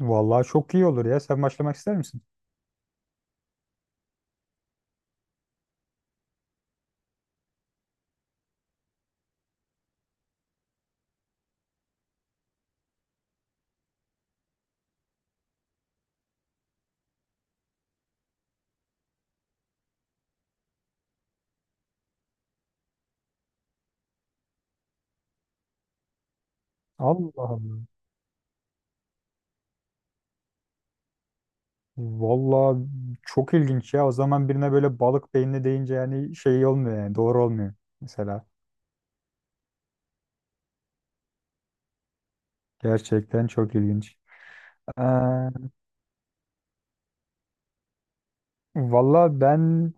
Vallahi çok iyi olur ya. Sen başlamak ister misin? Allah Allah. Vallahi çok ilginç ya. O zaman birine böyle balık beyinli deyince yani şey olmuyor, yani doğru olmuyor mesela. Gerçekten çok ilginç. Ee, Vallahi ben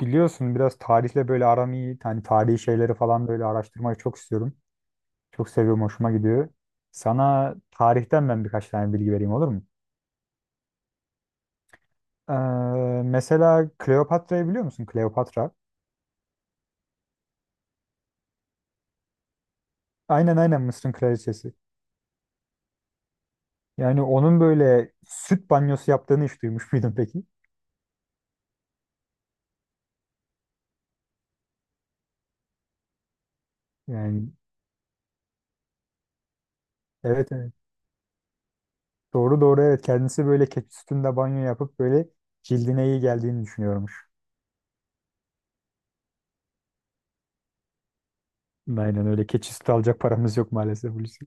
biliyorsun biraz tarihle böyle aram iyi. Hani tarihi şeyleri falan böyle araştırmayı çok istiyorum. Çok seviyorum, hoşuma gidiyor. Sana tarihten ben birkaç tane bilgi vereyim, olur mu? Ee, Mesela Kleopatra'yı biliyor musun? Kleopatra. Aynen aynen, Mısır'ın kraliçesi. Yani onun böyle süt banyosu yaptığını hiç duymuş muydun peki? Yani evet evet. Doğru doğru evet. Kendisi böyle keçi sütünde banyo yapıp böyle cildine iyi geldiğini düşünüyormuş. Aynen öyle. Keçi sütü alacak paramız yok maalesef Hulusi.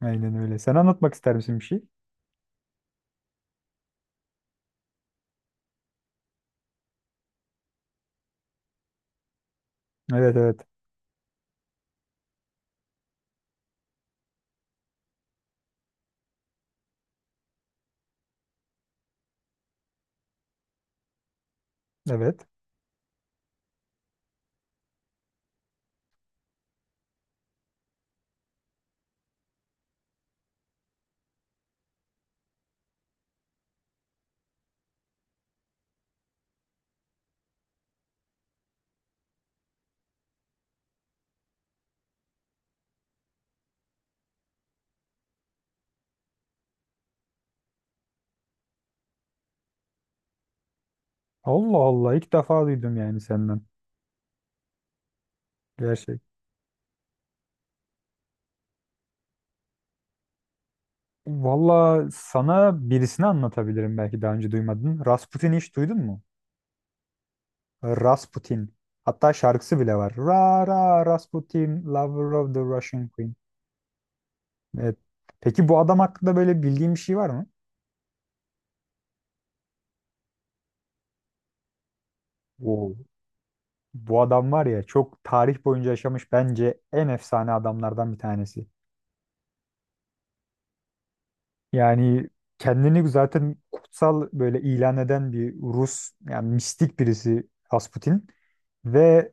Aynen öyle. Sen anlatmak ister misin bir şey? Evet evet. Evet. Allah Allah, ilk defa duydum yani senden. Gerçek. Valla sana birisini anlatabilirim, belki daha önce duymadın. Rasputin'i hiç duydun mu? Rasputin. Hatta şarkısı bile var. Ra ra Rasputin, lover of the Russian Queen. Evet. Peki bu adam hakkında böyle bildiğin bir şey var mı? Oo. Bu adam var ya, çok tarih boyunca yaşamış bence en efsane adamlardan bir tanesi. Yani kendini zaten kutsal böyle ilan eden bir Rus, yani mistik birisi Rasputin ve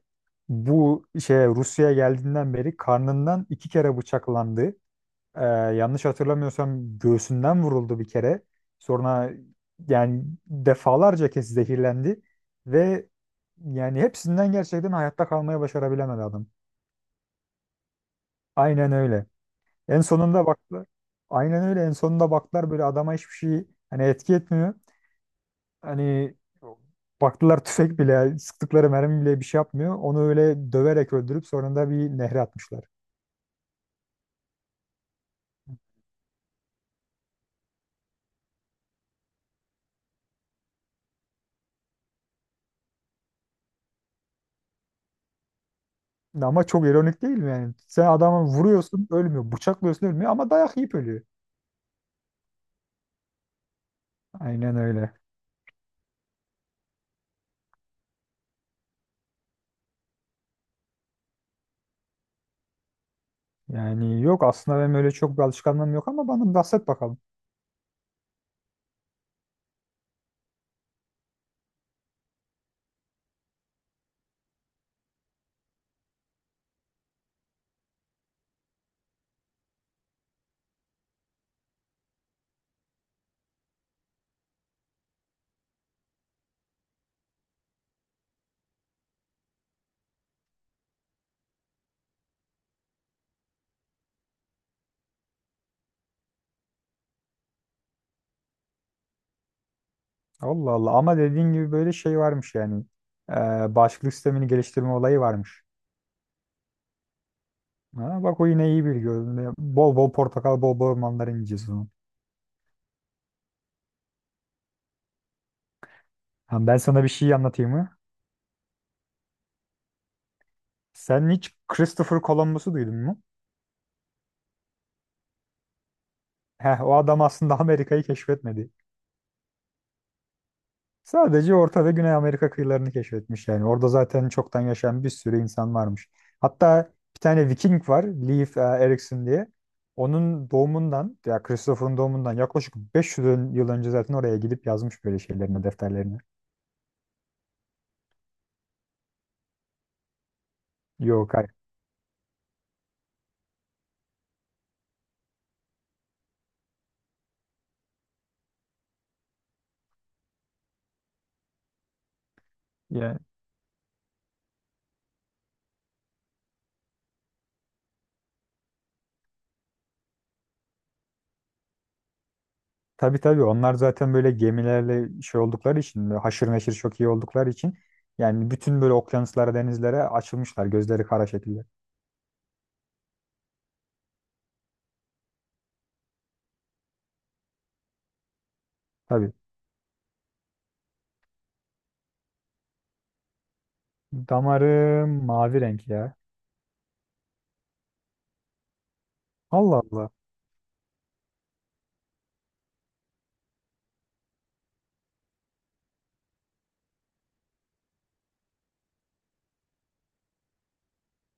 bu şeye Rusya'ya geldiğinden beri karnından iki kere bıçaklandı. Ee, yanlış hatırlamıyorsam göğsünden vuruldu bir kere. Sonra yani defalarca kez zehirlendi ve yani hepsinden gerçekten hayatta kalmaya başarabilemedi adam. Aynen öyle. En sonunda baktılar. Aynen öyle. En sonunda baktılar, böyle adama hiçbir şey hani etki etmiyor. Hani baktılar, tüfek bile sıktıkları mermi bile bir şey yapmıyor. Onu öyle döverek öldürüp sonunda bir nehre atmışlar. Ama çok ironik değil mi yani? Sen adamı vuruyorsun, ölmüyor. Bıçaklıyorsun, ölmüyor ama dayak yiyip ölüyor. Aynen öyle. Yani yok, aslında benim öyle çok bir alışkanlığım yok ama bana bahset bakalım. Allah Allah, ama dediğin gibi böyle şey varmış yani. Ee, bağışıklık sistemini geliştirme olayı varmış. Ha, bak o yine iyi bir görüntü. Bol bol portakal, bol bol mandalina yiyeceğiz o zaman. Ha, ben sana bir şey anlatayım mı? Sen hiç Christopher Columbus'u duydun mu? Heh, o adam aslında Amerika'yı keşfetmedi. Sadece Orta ve Güney Amerika kıyılarını keşfetmiş yani. Orada zaten çoktan yaşayan bir sürü insan varmış. Hatta bir tane Viking var, Leif Erikson diye. Onun doğumundan, ya Christopher'ın doğumundan yaklaşık 500 yıl önce zaten oraya gidip yazmış böyle şeylerini, defterlerini. Yok, hayır. Yani, tabii tabii, onlar zaten böyle gemilerle şey oldukları için, böyle haşır neşir çok iyi oldukları için yani bütün böyle okyanuslara, denizlere açılmışlar gözleri kara şekilde. Tabii. Damarı mavi renk ya. Allah Allah.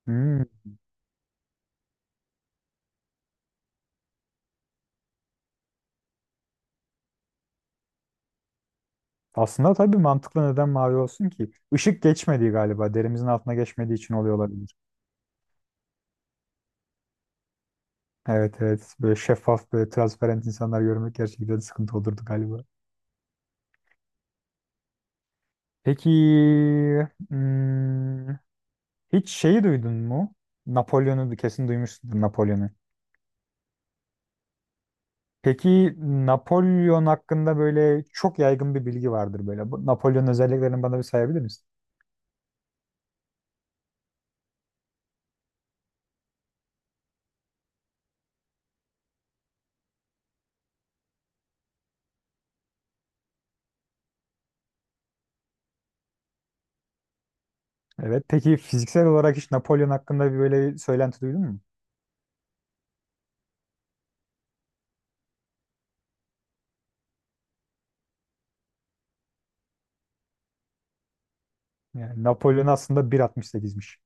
Hmm. Aslında tabii mantıklı, neden mavi olsun ki? Işık geçmediği galiba. Derimizin altına geçmediği için oluyor olabilir. Evet evet. Böyle şeffaf, böyle transparent insanlar görmek gerçekten sıkıntı olurdu galiba. Peki hmm, hiç şeyi duydun mu? Napolyon'u kesin duymuşsundur, Napolyon'u. Peki Napolyon hakkında böyle çok yaygın bir bilgi vardır böyle. Bu Napolyon özelliklerini bana bir sayabilir misin? Evet. Peki fiziksel olarak hiç Napolyon hakkında bir böyle söylenti duydun mu? Yani Napolyon aslında 1.68'miş.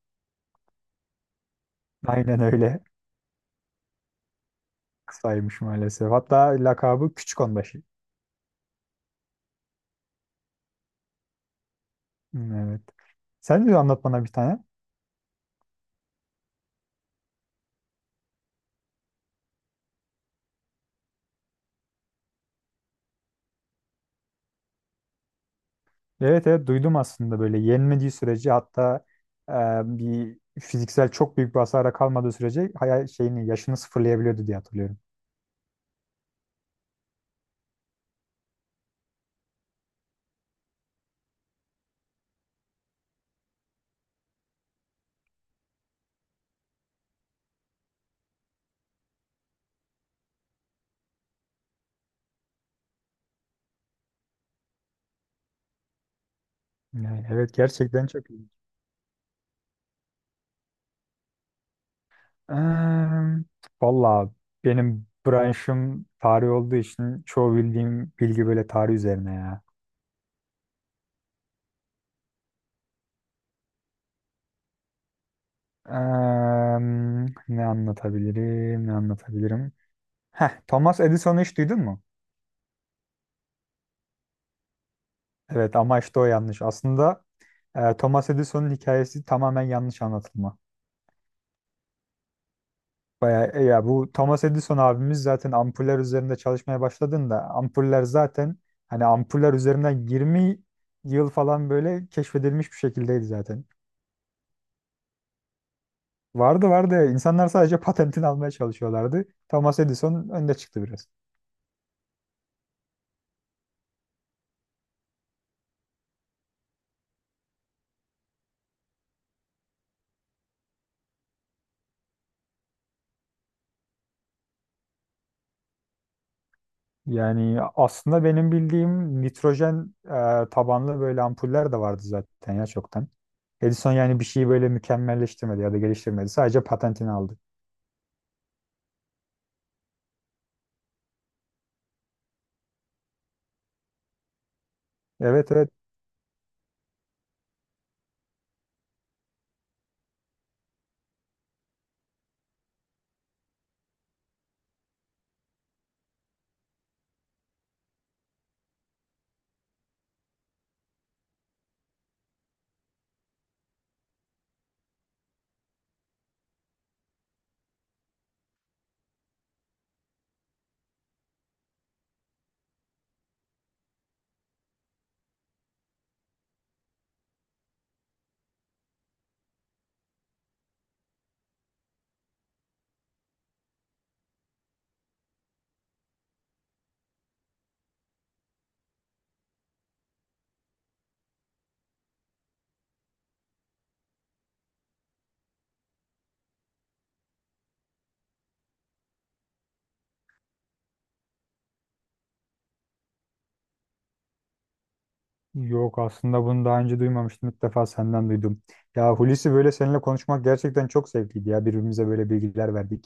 Aynen öyle. Kısaymış maalesef. Hatta lakabı Küçük Onbaşı. Evet. Sen de anlat bana bir tane. Evet evet, duydum aslında. Böyle yenmediği sürece, hatta e, bir fiziksel çok büyük bir hasara kalmadığı sürece hayal şeyini yaşını sıfırlayabiliyordu diye hatırlıyorum. Yani evet, gerçekten çok iyi. Eee, valla benim branşım tarih olduğu için çoğu bildiğim bilgi böyle tarih üzerine ya. Em, ne anlatabilirim ne anlatabilirim. Heh, Thomas Edison'u hiç duydun mu? Evet, ama işte o yanlış. Aslında Thomas Edison'un hikayesi tamamen yanlış anlatılma. Bayağı, ya bu Thomas Edison abimiz zaten ampuller üzerinde çalışmaya başladığında ampuller zaten hani ampuller üzerinden 20 yıl falan böyle keşfedilmiş bir şekildeydi zaten. Vardı vardı. İnsanlar sadece patentini almaya çalışıyorlardı. Thomas Edison önde çıktı biraz. Yani aslında benim bildiğim nitrojen tabanlı böyle ampuller de vardı zaten ya çoktan. Edison yani bir şeyi böyle mükemmelleştirmedi ya da geliştirmedi. Sadece patentini aldı. Evet evet. Yok, aslında bunu daha önce duymamıştım. İlk defa senden duydum. Ya Hulusi, böyle seninle konuşmak gerçekten çok zevkliydi ya. Birbirimize böyle bilgiler verdik.